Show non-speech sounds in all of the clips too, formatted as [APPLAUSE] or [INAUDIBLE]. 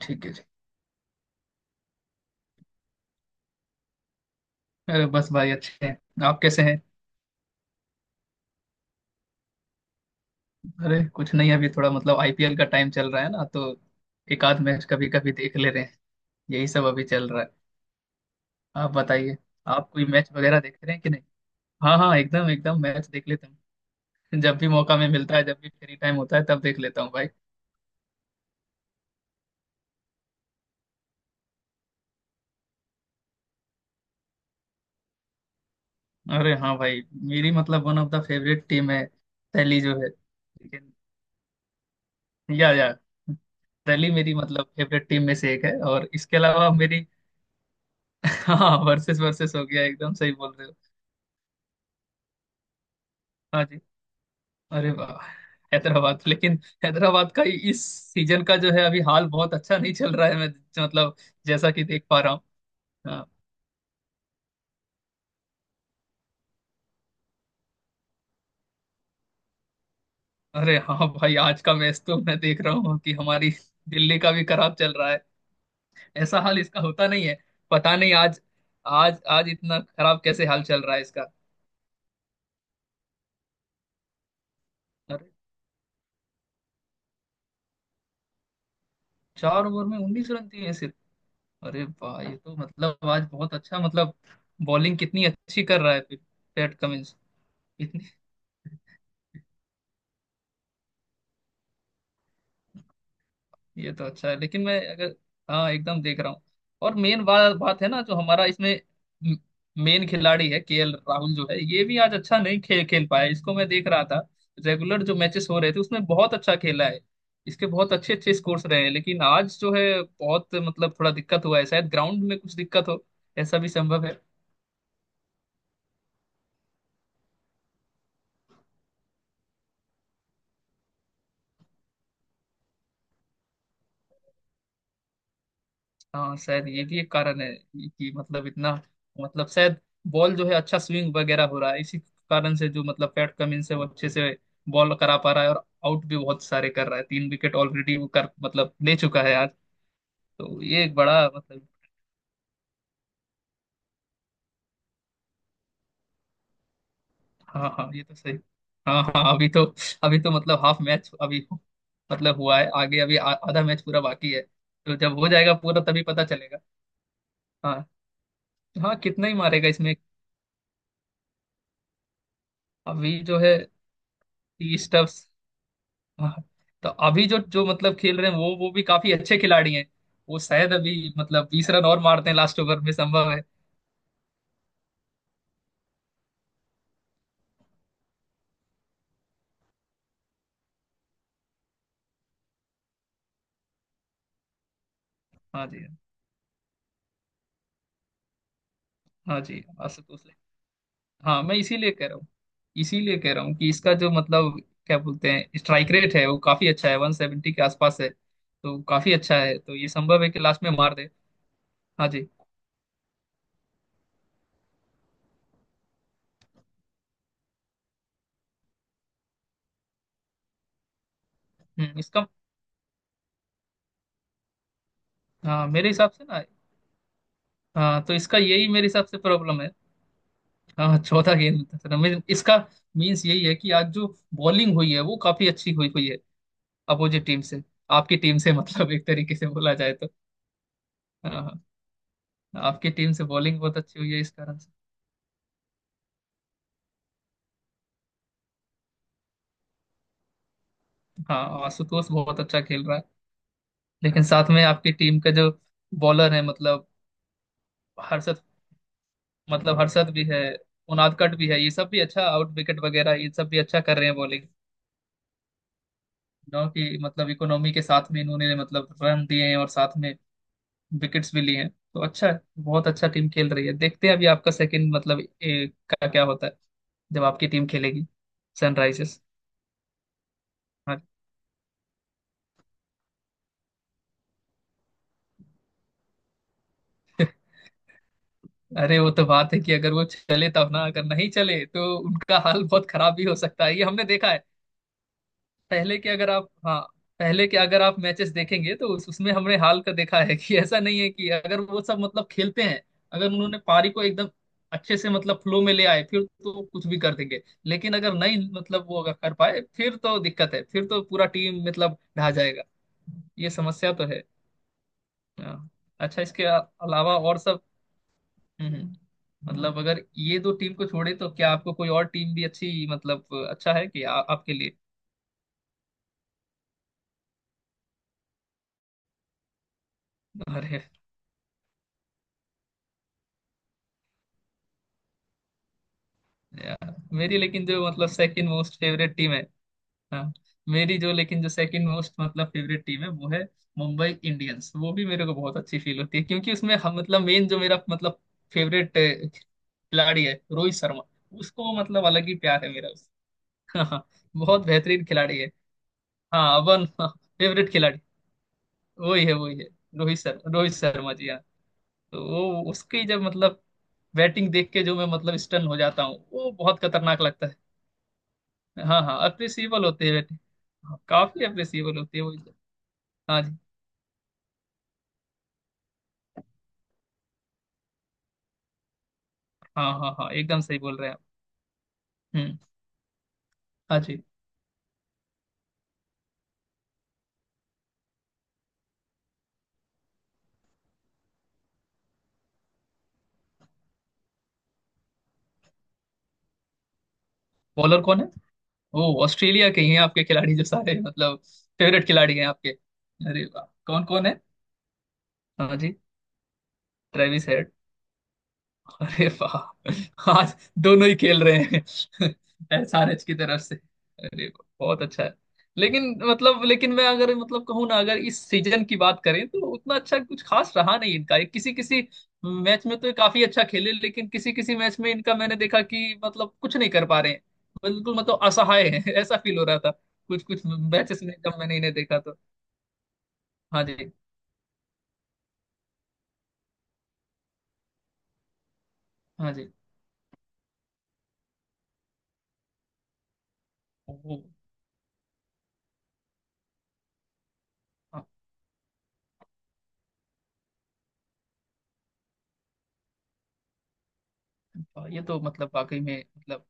ठीक है। ठीक। अरे बस भाई, अच्छे हैं। आप कैसे हैं? अरे कुछ नहीं, अभी थोड़ा मतलब आईपीएल का टाइम चल रहा है ना, तो एक आध मैच कभी कभी देख ले रहे हैं। यही सब अभी चल रहा है। आप बताइए, आप कोई मैच वगैरह देख रहे हैं कि नहीं। हाँ हाँ, एकदम एकदम मैच देख लेता हूँ। [LAUGHS] जब भी मौका में मिलता है, जब भी फ्री टाइम होता है तब देख लेता हूँ भाई। अरे हाँ भाई, मेरी मतलब one of the favourite team है दिल्ली जो है, लेकिन या दिल्ली मेरी मतलब फेवरेट टीम में से एक है, और इसके अलावा मेरी। [LAUGHS] हाँ, वर्सेस वर्सेस हो गया, एकदम सही बोल रहे हो। हाँ जी। अरे वाह। हैदराबाद, लेकिन हैदराबाद का इस सीजन का जो है अभी हाल बहुत अच्छा नहीं चल रहा है। मैं मतलब जैसा कि देख पा रहा हूँ। हाँ, अरे हाँ भाई, आज का मैच तो मैं देख रहा हूँ कि हमारी दिल्ली का भी खराब चल रहा है। ऐसा हाल इसका होता नहीं है। पता नहीं आज, आज इतना खराब कैसे हाल चल रहा है इसका। अरे 4 ओवर में 19 रन दिए सिर्फ? अरे वाह, ये तो मतलब आज बहुत अच्छा मतलब बॉलिंग कितनी अच्छी कर रहा है फिर पैट कमिंस। इतनी, ये तो अच्छा है। लेकिन मैं अगर, हाँ एकदम देख रहा हूँ। और मेन बात बात है ना, जो हमारा इसमें मेन खिलाड़ी है केएल राहुल जो है, ये भी आज अच्छा नहीं खेल खेल पाया, इसको मैं देख रहा था। रेगुलर जो मैचेस हो रहे थे उसमें बहुत अच्छा खेला है। इसके बहुत अच्छे अच्छे स्कोर्स रहे हैं, लेकिन आज जो है बहुत मतलब थोड़ा दिक्कत हुआ है। शायद ग्राउंड में कुछ दिक्कत हो, ऐसा भी संभव है। हाँ, शायद ये भी एक कारण है कि मतलब इतना मतलब शायद बॉल जो है अच्छा स्विंग वगैरह हो रहा है, इसी कारण से जो मतलब पैट कमिंस है वो अच्छे से बॉल करा पा रहा है, और आउट भी बहुत सारे कर रहा है। 3 विकेट ऑलरेडी वो कर मतलब ले चुका है आज। तो ये एक बड़ा मतलब। हाँ हाँ, ये तो सही। हाँ हाँ, अभी तो, मतलब हाफ मैच अभी मतलब हुआ है, आगे अभी आधा मैच पूरा बाकी है। तो जब हो जाएगा पूरा तभी पता चलेगा। हाँ हाँ, कितना ही मारेगा इसमें। अभी जो है 30। हाँ, हाँ। तो अभी जो जो मतलब खेल रहे हैं वो भी काफी अच्छे खिलाड़ी हैं। वो शायद अभी मतलब 20 रन और मारते हैं लास्ट ओवर में, संभव है। हाँ जी। हाँ जी, हाँ मैं इसीलिए कह रहा हूँ, कि इसका जो मतलब क्या बोलते हैं स्ट्राइक रेट है वो काफी अच्छा है, 170 के आसपास है। तो काफी अच्छा है, तो ये संभव है कि लास्ट में मार दे। हाँ जी। इसका, हाँ मेरे हिसाब से ना। हाँ, तो इसका यही मेरे हिसाब से प्रॉब्लम है। हाँ चौथा गेंद रमेश इसका मीन्स यही है कि आज जो बॉलिंग हुई है वो काफी अच्छी हुई हुई है। अपोजिट टीम से, आपकी टीम से [LAUGHS] मतलब एक तरीके से बोला जाए तो। हाँ हाँ, हाँ, आपकी टीम से बॉलिंग बहुत अच्छी हुई है इस कारण से। हाँ, आशुतोष बहुत अच्छा खेल रहा है। लेकिन साथ में आपकी टीम का जो बॉलर है मतलब हर्षद, मतलब हर्षद भी है, उनाद कट भी है, ये सब भी अच्छा आउट विकेट वगैरह ये सब भी अच्छा कर रहे हैं बॉलिंग। नो कि मतलब इकोनॉमी के साथ में इन्होंने मतलब रन दिए हैं, और साथ में विकेट्स भी लिए हैं, तो अच्छा है, बहुत अच्छा टीम खेल रही है। देखते हैं अभी आपका सेकंड मतलब का क्या होता है, जब आपकी टीम खेलेगी, सनराइजर्स। हाँ, अरे वो तो बात है कि अगर वो चले तब ना। अगर नहीं चले तो उनका हाल बहुत खराब भी हो सकता है, ये हमने देखा है। पहले के अगर आप, हाँ पहले के अगर आप मैचेस देखेंगे तो उसमें हमने हाल का देखा है कि ऐसा नहीं है कि अगर वो सब मतलब खेलते हैं, अगर उन्होंने पारी को एकदम अच्छे से मतलब फ्लो में ले आए फिर तो कुछ भी कर देंगे, लेकिन अगर नहीं मतलब वो अगर कर पाए फिर तो दिक्कत है, फिर तो पूरा टीम मतलब ढह जाएगा। ये समस्या तो है। हाँ। अच्छा इसके अलावा और सब, हम्म मतलब अगर ये दो टीम को छोड़े तो क्या आपको कोई और टीम भी अच्छी मतलब अच्छा है कि आपके लिए। अरे यार, मेरी लेकिन जो मतलब सेकंड मोस्ट फेवरेट टीम है, हाँ मेरी जो लेकिन जो सेकंड मोस्ट मतलब फेवरेट टीम है वो है मुंबई इंडियंस। वो भी मेरे को बहुत अच्छी फील होती है, क्योंकि उसमें हम मतलब मेन जो मेरा मतलब फेवरेट खिलाड़ी है रोहित शर्मा, उसको मतलब अलग ही प्यार है मेरा उस। [LAUGHS] हाँ, बहुत बेहतरीन खिलाड़ी है। हाँ वन फेवरेट खिलाड़ी वही है, वही है रोहित शर्मा, रोहित शर्मा जी। हाँ, तो वो उसकी जब मतलब बैटिंग देख के जो मैं मतलब स्टन हो जाता हूँ, वो बहुत खतरनाक लगता है। हाँ हाँ, अप्रिसिएबल होते हैं बैटिंग। हाँ, काफी अप्रिसिएबल होती है वो। हाँ जी। हाँ हाँ हाँ, एकदम सही बोल रहे हैं आप। हम्म। हाँ जी। बॉलर कौन है? ओ, ऑस्ट्रेलिया के ही हैं आपके खिलाड़ी जो सारे मतलब फेवरेट खिलाड़ी हैं आपके? अरे वाह, कौन कौन है? हाँ जी। Travis Head. अरे वाह, आज दोनों ही खेल रहे हैं [LAUGHS] एसआरएच की तरफ से। अरे वाह, बहुत अच्छा है। लेकिन मतलब, लेकिन मैं अगर मतलब कहूँ ना, अगर इस सीजन की बात करें तो उतना अच्छा कुछ खास रहा नहीं इनका। किसी किसी मैच में तो ये काफी अच्छा खेले, लेकिन किसी किसी मैच में इनका मैंने देखा कि मतलब कुछ नहीं कर पा रहे हैं, बिल्कुल मतलब असहाय है [LAUGHS] ऐसा फील हो रहा था कुछ कुछ मैचेस में जब मैंने इन्हें देखा तो। हाँ जी। हाँ जी। ओ, हाँ, ये तो मतलब वाकई में मतलब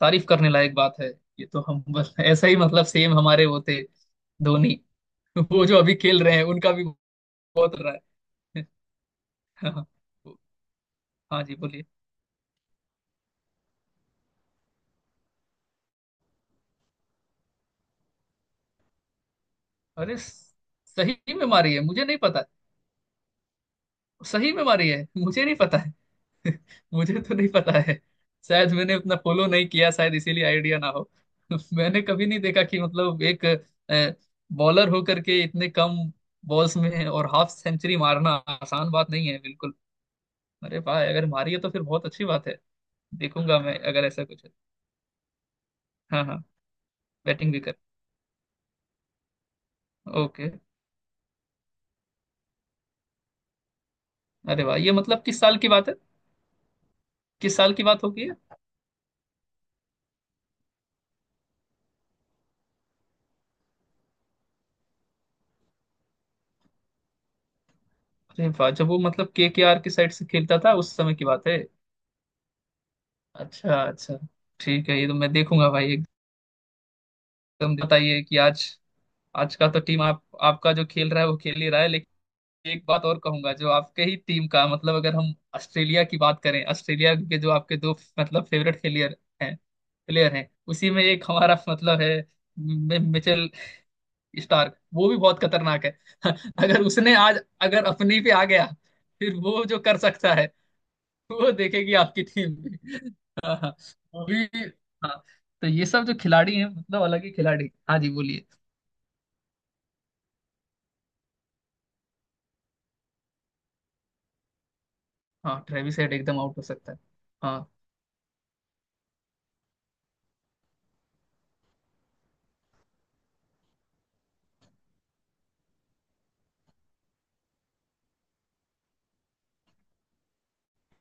तारीफ करने लायक बात है। ये तो हम बस ऐसा ही मतलब सेम हमारे वो थे धोनी, वो जो अभी खेल रहे हैं उनका भी बहुत रहा है। [LAUGHS] हाँ, हाँ जी बोलिए। अरे सही में मारी है? मुझे नहीं पता। सही में मारी है? मुझे नहीं पता है। [LAUGHS] मुझे तो नहीं पता है, शायद मैंने उतना फॉलो नहीं किया शायद इसीलिए आइडिया ना हो। [LAUGHS] मैंने कभी नहीं देखा कि मतलब एक बॉलर होकर के इतने कम बॉल्स में और हाफ सेंचुरी मारना आसान बात नहीं है बिल्कुल। अरे भाई अगर मारी है तो फिर बहुत अच्छी बात है। देखूंगा मैं अगर ऐसा कुछ है। हाँ हाँ, बैटिंग भी कर। ओके। अरे वाह, ये मतलब किस साल की बात है? किस साल की बात होगी ये? अरे वाह, जब वो मतलब KKR की साइड से खेलता था उस समय की बात है। अच्छा अच्छा। ठीक है, ये तो मैं देखूंगा भाई। एकदम बताइए कि आज, आज का तो टीम आप आपका जो खेल रहा है वो खेल ही रहा है। एक बात और कहूंगा जो आपके ही टीम का मतलब, अगर हम ऑस्ट्रेलिया की बात करें, ऑस्ट्रेलिया के जो आपके दो मतलब फेवरेट हैं प्लेयर हैं उसी में एक हमारा मतलब है मिचेल स्टार्क, वो भी बहुत खतरनाक है। [LAUGHS] अगर उसने आज, अगर अपनी पे आ गया फिर वो जो कर सकता है, वो देखेगी आपकी टीम भी। [LAUGHS] हाँ हाँ, वो भी। हाँ, तो ये सब जो खिलाड़ी हैं मतलब अलग ही खिलाड़ी। हाँ जी बोलिए। हाँ, ट्रेविस हेड एकदम आउट हो सकता है। हाँ,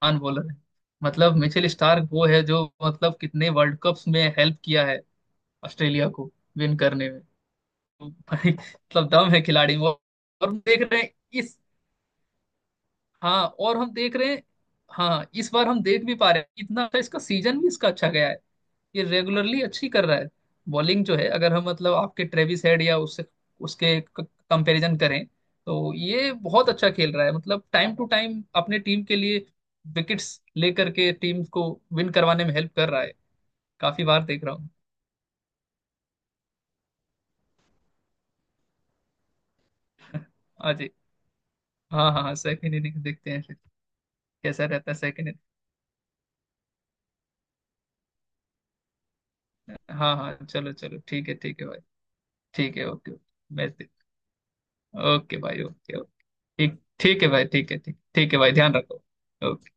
महान बॉलर है मतलब मिचेल स्टार्क, वो है जो मतलब कितने वर्ल्ड कप्स में हेल्प किया है ऑस्ट्रेलिया को विन करने में। तो भाई मतलब दम है खिलाड़ी में, और हम देख रहे हैं इस, हाँ और हम देख रहे हैं। हाँ, इस बार हम देख भी पा रहे हैं, इतना अच्छा इसका सीजन भी, इसका अच्छा गया है। ये रेगुलरली अच्छी कर रहा है बॉलिंग जो है, अगर हम मतलब आपके ट्रेविस हेड या उससे, उसके कंपैरिजन करें तो ये बहुत अच्छा खेल रहा है मतलब टाइम टू टाइम अपने टीम के लिए विकेट्स लेकर के टीम को विन करवाने में हेल्प कर रहा है। काफी बार देख रहा हूँ। हाँ जी। हाँ हाँ हाँ, सेकेंड इनिंग देखते हैं फिर कैसा रहता है सेकेंड इनिंग। हाँ हाँ, चलो चलो, ठीक है, ठीक है भाई। ठीक है, ओके, मैच देख, ओके भाई, ओके ओके। ठीक, ठीक है भाई, ठीक है, ठीक, ठीक है भाई, ध्यान रखो, ओके।